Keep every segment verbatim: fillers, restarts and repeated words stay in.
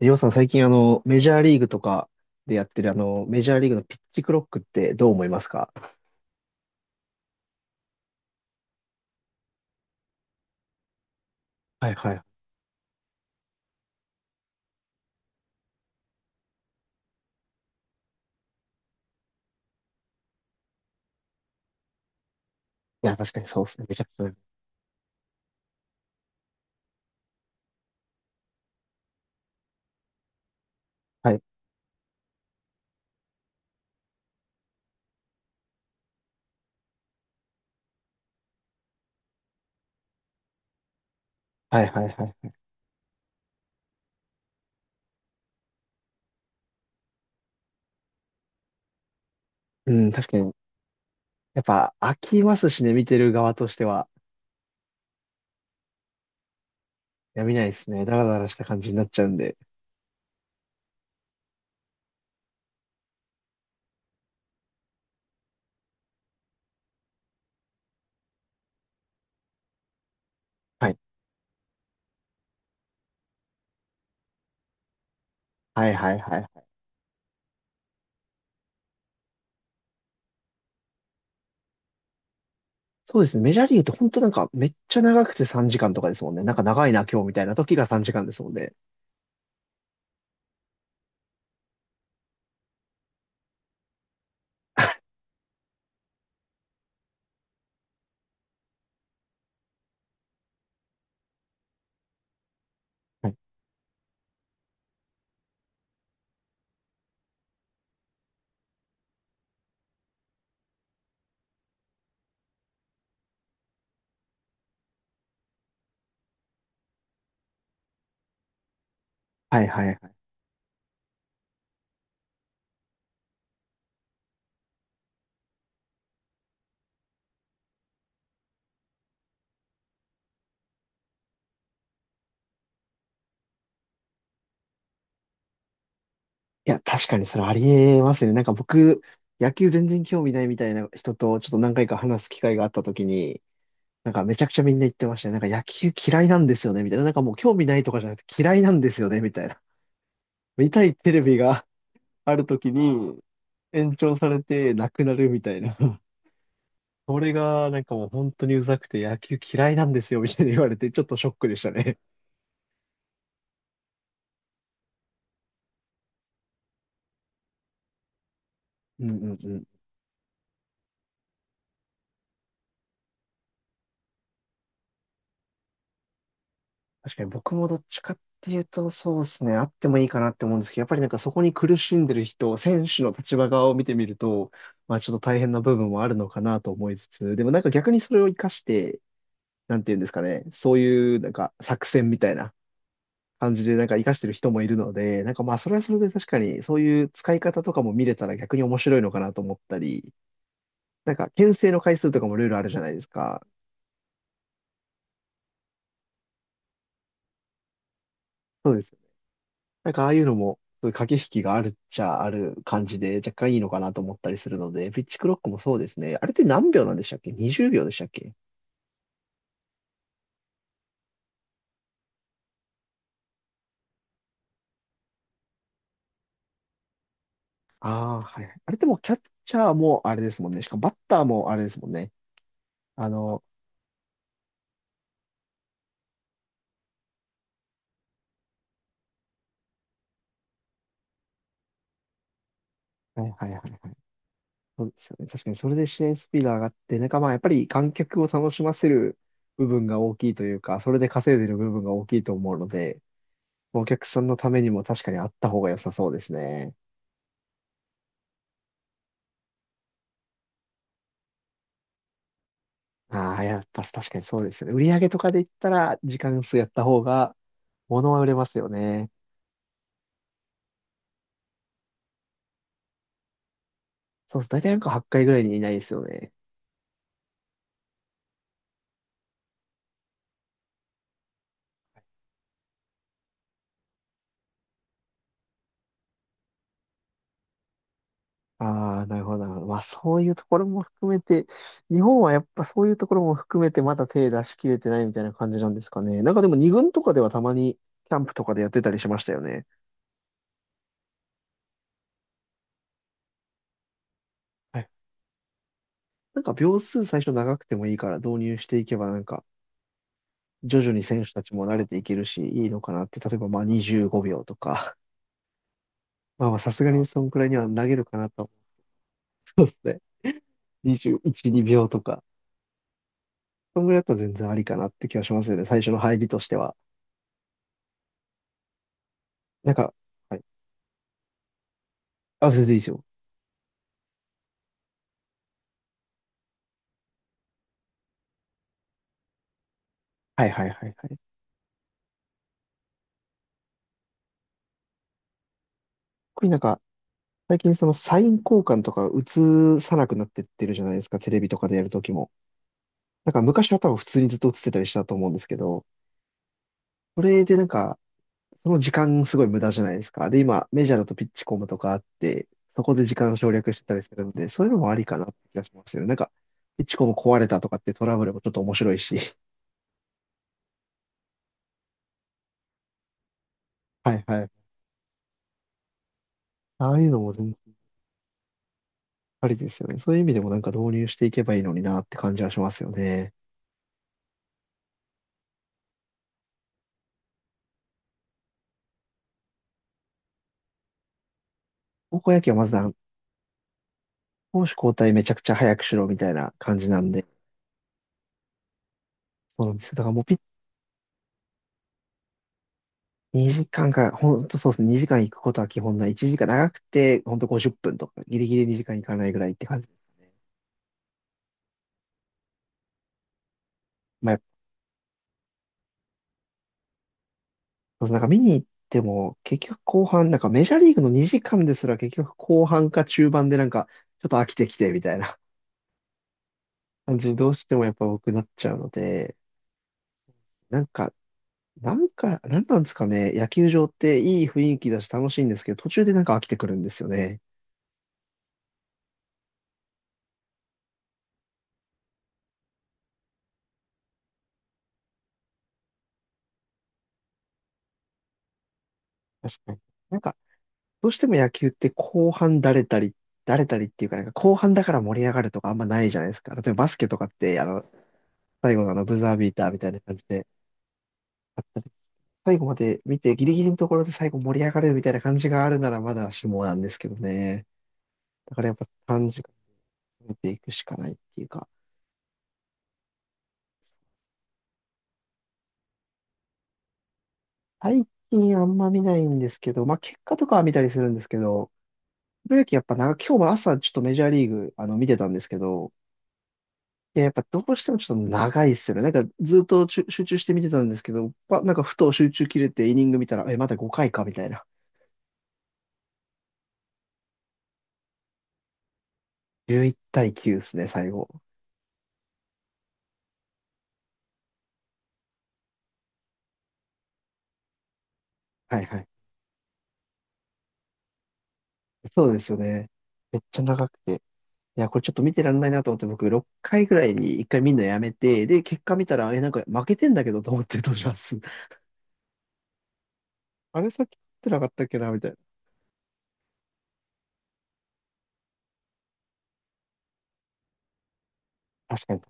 りょうさん、最近あの、メジャーリーグとかでやってるあの、メジャーリーグのピッチクロックってどう思いますか？はいはい。いや、確かにそうですね。めちゃくちゃ。はい。はいはいはい。うん、確かに。やっぱ飽きますしね、見てる側としては。やめないですね。ダラダラした感じになっちゃうんで。はい。はいはいはい。そうですね。メジャーリーグって本当なんかめっちゃ長くてさんじかんとかですもんね。なんか長いな今日みたいな時がさんじかんですもんね。はいはいはいはい。いや、確かにそれありえますね。なんか僕、野球全然興味ないみたいな人とちょっと何回か話す機会があった時に、なんかめちゃくちゃみんな言ってましたね。なんか野球嫌いなんですよね、みたいな。なんかもう興味ないとかじゃなくて嫌いなんですよね、みたいな。見たいテレビがある時に延長されてなくなるみたいな。それがなんかもう本当にうざくて野球嫌いなんですよ、みたいな言われてちょっとショックでしたね。うんうんうん。確かに僕もどっちかっていうと、そうですね、あってもいいかなって思うんですけど、やっぱりなんかそこに苦しんでる人、選手の立場側を見てみると、まあちょっと大変な部分もあるのかなと思いつつ、でもなんか逆にそれを活かして、なんていうんですかね、そういうなんか作戦みたいな感じでなんか活かしてる人もいるので、なんかまあそれはそれで確かにそういう使い方とかも見れたら逆に面白いのかなと思ったり、なんか牽制の回数とかもルールあるじゃないですか。そうですよね。なんかああいうのも、駆け引きがあるっちゃある感じで、若干いいのかなと思ったりするので、ピッチクロックもそうですね。あれって何秒なんでしたっけ？ にじゅう 秒でしたっけ？ああー、はいはい。あれってもうキャッチャーもあれですもんね。しかもバッターもあれですもんね。あの、はいはいはいはい。そうですよね。確かにそれで試合スピード上がって、なんかまあやっぱり観客を楽しませる部分が大きいというか、それで稼いでる部分が大きいと思うので、お客さんのためにも確かにあった方が良さそうですね。ああ、やっぱ確かにそうですよね。売り上げとかで言ったら、時間数やった方が、物は売れますよね。そうです。大体なんかはちかいぐらいにいないですよね。ああ、なるほど、なるほど。まあ、そういうところも含めて、日本はやっぱそういうところも含めて、まだ手出し切れてないみたいな感じなんですかね。なんかでも、二軍とかではたまに、キャンプとかでやってたりしましたよね。はい。なんか、秒数最初長くてもいいから導入していけば、なんか、徐々に選手たちも慣れていけるし、いいのかなって、例えばまあにじゅうごびょうとか、まあまあ、さすがにそんくらいには投げるかなと。そうですね。にじゅういち、にびょうとか。そんぐらいだったら全然ありかなって気がしますよね。最初の入りとしては。なんか、はい。あ、全然いいですよ。はいはいはいはい。特になんか、最近そのサイン交換とか映さなくなってってるじゃないですか。テレビとかでやるときも。なんか昔は多分普通にずっと映ってたりしたと思うんですけど、それでなんか、その時間すごい無駄じゃないですか。で、今、メジャーだとピッチコムとかあって、そこで時間省略してたりするんで、そういうのもありかなって気がしますよね。なんか、ピッチコム壊れたとかってトラブルもちょっと面白いし。はいはい。ああいうのも全然ありですよね。そういう意味でもなんか導入していけばいいのになって感じはしますよね。高校野球はまずあの、攻守交代めちゃくちゃ早くしろみたいな感じなんで。そうなんですよ。だからもうピッ、にじかんか、ほんとそうですね。にじかん行くことは基本ない。いちじかん長くて、ほんとごじゅっぷんとか、ギリギリにじかん行かないぐらいって感じですね。まあ、なんか見に行っても、結局後半、なんかメジャーリーグのにじかんですら結局後半か中盤でなんか、ちょっと飽きてきてみたいな感じにどうしてもやっぱ僕なっちゃうので、なんか、なんか、なんなんですかね、野球場っていい雰囲気だし楽しいんですけど、途中でなんか飽きてくるんですよね。確かに。なんか、どうしても野球って後半だれたり、だれたりっていうか、なんか後半だから盛り上がるとかあんまないじゃないですか。例えばバスケとかって、あの、最後のあのブザービーターみたいな感じで、最後まで見て、ギリギリのところで最後盛り上がるみたいな感じがあるならまだしもなんですけどね。だからやっぱ短時間見ていくしかないっていうか、最近あんま見ないんですけど、まあ結果とかは見たりするんですけど、プロ野球やっぱな、今日も朝ちょっとメジャーリーグあの見てたんですけど、いや、やっぱどうしてもちょっと長いっすよね。なんかずっと集集中して見てたんですけど、ばなんかふと集中切れてイニング見たら、え、まだごかいかみたいな。じゅういちたいきゅうですね、最後。はいはい。そうですよね。めっちゃ長くて。いや、これちょっと見てらんないなと思って、僕ろっかいぐらいにいっかい見るのやめて、で、結果見たら、え、なんか負けてんだけどと思ってどうします。あれさっき言ってなかったっけなみたいな。確かに。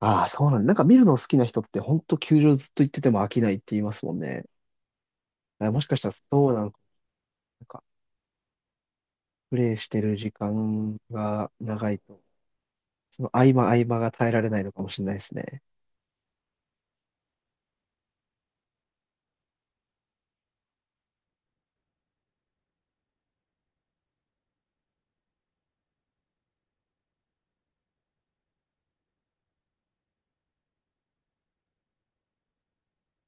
ああ、そうなんだ。なんか見るの好きな人って、ほんと球場ずっと行ってても飽きないって言いますもんね。あもしかしたらそうなのか。なんか、プレイしてる時間が長いと、その合間合間が耐えられないのかもしれないですね。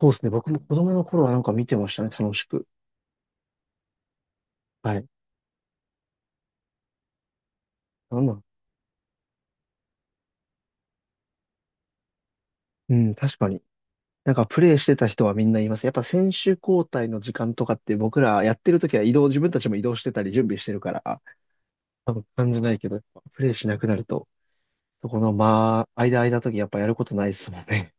そうですね。僕も子供の頃はなんか見てましたね。楽しく。はい。なんなうん、確かに。なんかプレイしてた人はみんな言います。やっぱ選手交代の時間とかって僕らやってる時は移動、自分たちも移動してたり準備してるから、多分感じないけど、プレイしなくなると、そこのまあ、間間時やっぱやることないですもんね。